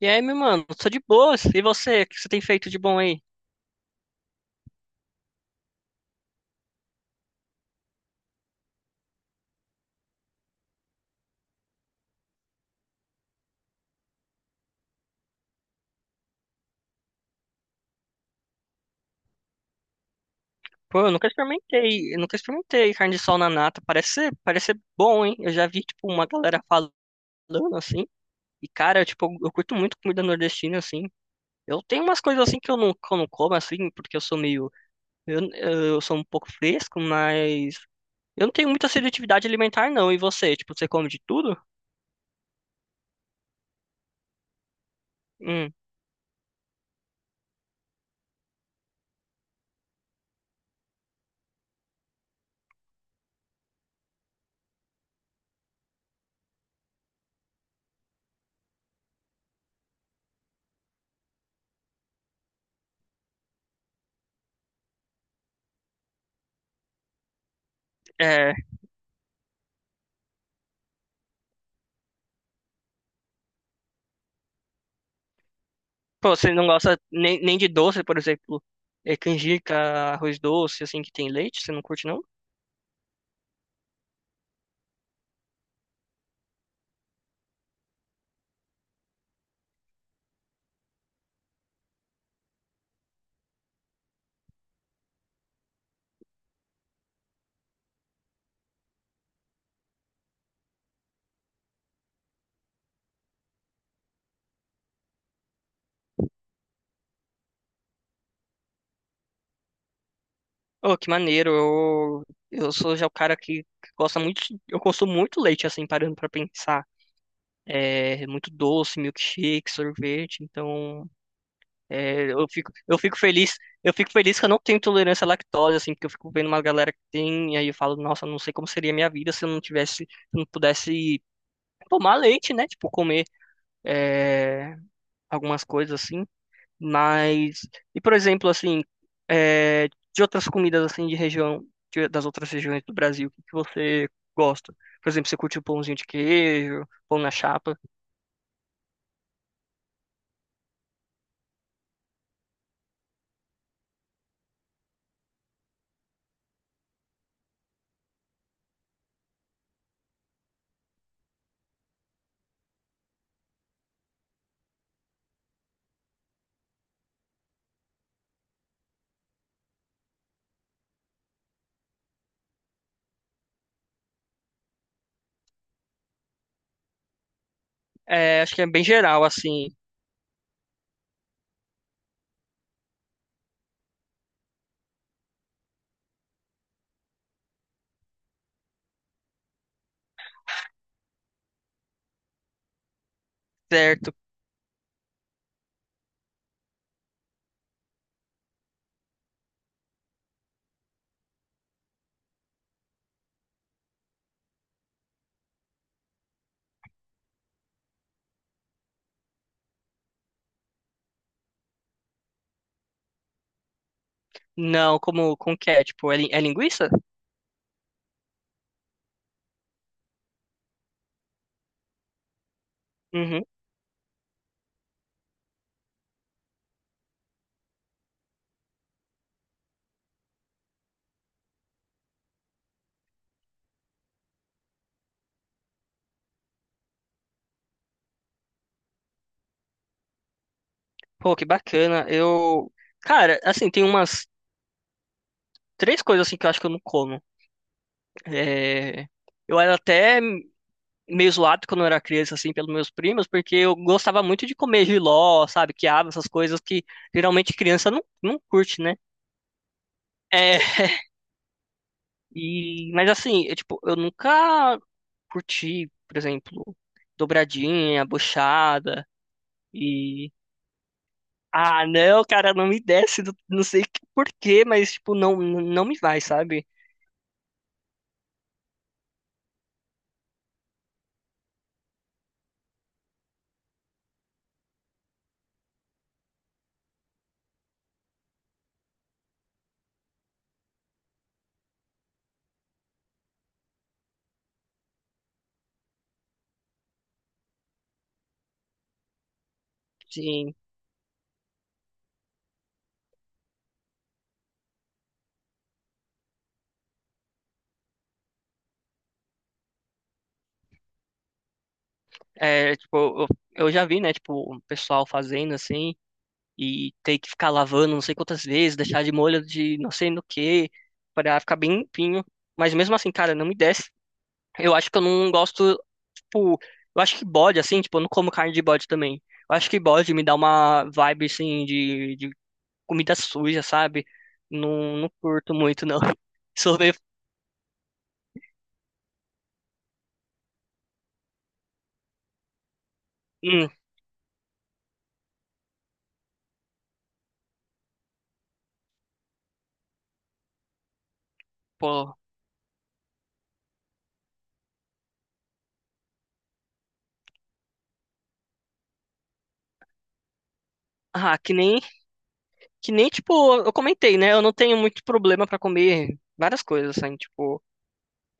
E aí, meu mano, tô de boas. E você? O que você tem feito de bom aí? Pô, eu nunca experimentei carne de sol na nata. Parece ser bom, hein? Eu já vi, tipo, uma galera falando assim. E, cara, tipo, eu curto muito comida nordestina, assim. Eu tenho umas coisas assim que eu não como, assim, porque eu sou meio. Eu sou um pouco fresco, mas eu não tenho muita seletividade alimentar, não. E você come de tudo? Hum, é, pô, você não gosta nem de doce, por exemplo, canjica, arroz doce, assim, que tem leite? Você não curte, não? Oh, que maneiro. Eu sou já o cara que gosta muito. Eu consumo muito leite, assim, parando pra pensar. É muito doce, milkshake, sorvete. Então. É, eu fico, eu fico feliz, eu fico feliz que eu não tenho intolerância à lactose, assim, porque eu fico vendo uma galera que tem, e aí eu falo, nossa, não sei como seria a minha vida se eu não tivesse, se eu não pudesse tomar leite, né? Tipo, comer é, algumas coisas assim. Mas, e por exemplo, assim, é, de outras comidas assim de região, das outras regiões do Brasil, o que que você gosta? Por exemplo, você curte o pãozinho de queijo, pão na chapa? É, acho que é bem geral, assim, certo? Não, como que é? Tipo, é linguiça? Uhum. Pô, que bacana. Eu, cara, assim, tem umas três coisas assim que eu acho que eu não como. É, Eu era até meio zoado quando eu era criança, assim, pelos meus primos, porque eu gostava muito de comer jiló, sabe, quiabo, essas coisas que geralmente criança não curte, né? É, e, mas assim, eu nunca curti, por exemplo, dobradinha, buchada e... Ah, não, cara, não me desce, não, não sei por quê, mas, tipo, não, não me vai, sabe? Sim, tipo, eu, eu já vi, né, tipo, o pessoal fazendo assim, e ter que ficar lavando não sei quantas vezes, deixar de molho de não sei no que, pra ficar bem limpinho. Mas mesmo assim, cara, não me desce. Eu acho que eu não gosto, tipo, eu acho que bode, assim, tipo, eu não como carne de bode também. Eu acho que bode me dá uma vibe, assim, de comida suja, sabe? Não, não curto muito, não. Sorvete, hum, pô. Ah, que nem, tipo, eu comentei, né? Eu não tenho muito problema pra comer várias coisas, assim, tipo,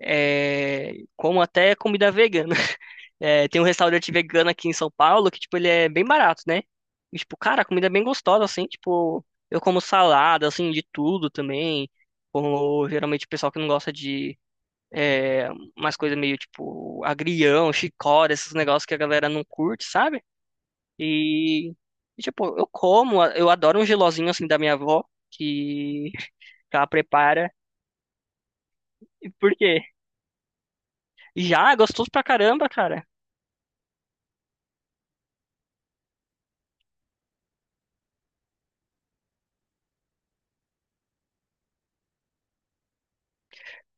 como até comida vegana. É, tem um restaurante vegano aqui em São Paulo que, tipo, ele é bem barato, né? E, tipo, cara, a comida é bem gostosa, assim, tipo, eu como salada, assim, de tudo também. Como geralmente o pessoal que não gosta de é, umas coisas meio tipo agrião, chicória, esses negócios que a galera não curte, sabe? E, e, tipo, eu adoro um gelozinho assim da minha avó, que que ela prepara. E por quê? Já, é gostoso pra caramba, cara.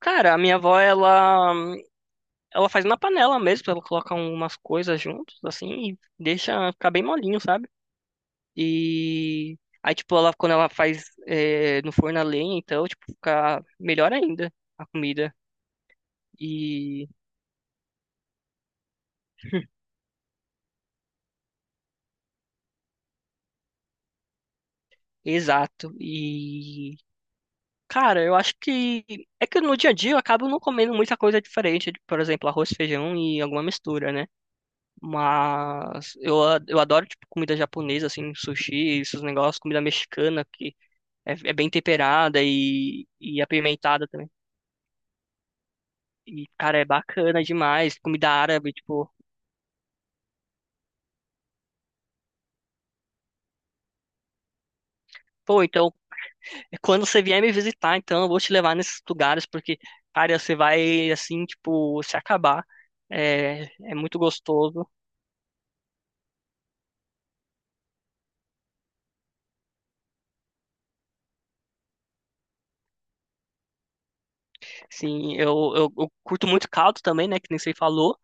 Cara, a minha avó, ela, faz na panela mesmo, ela coloca umas coisas juntos, assim, e deixa ficar bem molinho, sabe? E aí, tipo, ela, quando ela faz no forno a lenha, então, tipo, fica melhor ainda a comida. E, exato. E, cara, eu acho que, é que no dia a dia eu acabo não comendo muita coisa diferente, por exemplo, arroz, feijão e alguma mistura, né? Mas eu adoro, tipo, comida japonesa, assim, sushi, esses negócios, comida mexicana, que é bem temperada e apimentada também. E, cara, é bacana demais. Comida árabe, tipo, pô, então, quando você vier me visitar, então, eu vou te levar nesses lugares, porque, cara, você vai, assim, tipo, se acabar. É, é muito gostoso. Sim, eu curto muito caldo também, né, que nem você falou.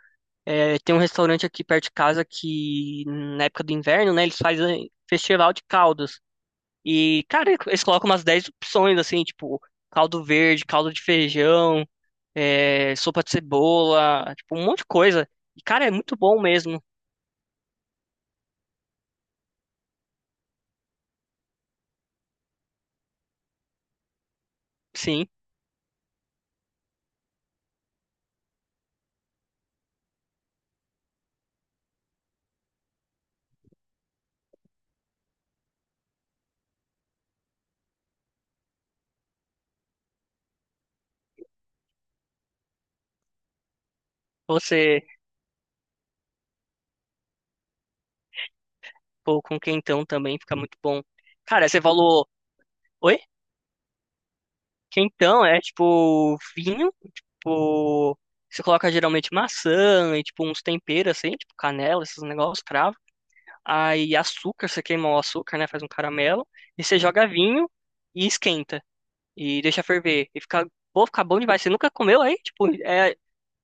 É, tem um restaurante aqui perto de casa que, na época do inverno, né, eles fazem festival de caldos. E, cara, eles colocam umas 10 opções, assim, tipo, caldo verde, caldo de feijão, sopa de cebola, tipo, um monte de coisa. E, cara, é muito bom mesmo. Sim, você, pô, com quentão também fica muito bom. Cara, você falou, oi? Quentão é, tipo, vinho, tipo, você coloca geralmente maçã e, tipo, uns temperos, assim, tipo, canela, esses negócios, cravo. Aí açúcar, você queima o açúcar, né? Faz um caramelo. E você joga vinho e esquenta. E deixa ferver. E pô, fica bom demais. Você nunca comeu aí? Tipo,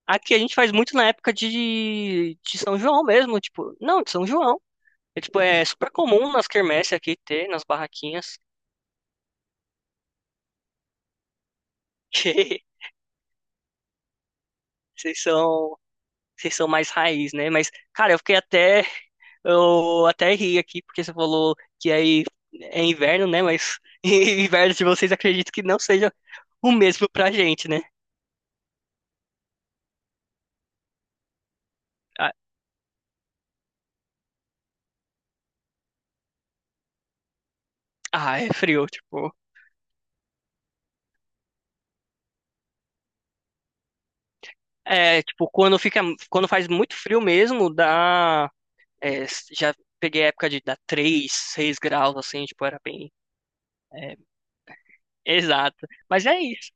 aqui a gente faz muito na época de São João mesmo. Tipo, não, de São João. É, tipo, é super comum nas quermesses aqui ter, nas barraquinhas. Que vocês são mais raiz, né? Mas, cara, Eu até ri aqui, porque você falou que aí é inverno, né? Mas inverno de vocês acredito que não seja o mesmo pra gente, né? Ah, ah, é frio, tipo. É, tipo, quando faz muito frio mesmo, dá. É, já peguei a época de dar 3 6 graus, assim, tipo, era bem. É, exato. Mas é isso,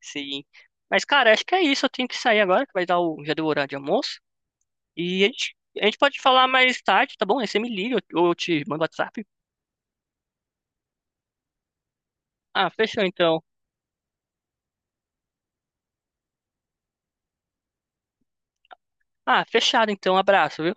sim. Mas, cara, acho que é isso. Eu tenho que sair agora, que vai dar o. Já deu o horário de almoço. E a gente pode falar mais tarde, tá bom? Aí você me liga, eu te mando WhatsApp. Ah, fechou então. Ah, fechado então. Abraço, viu?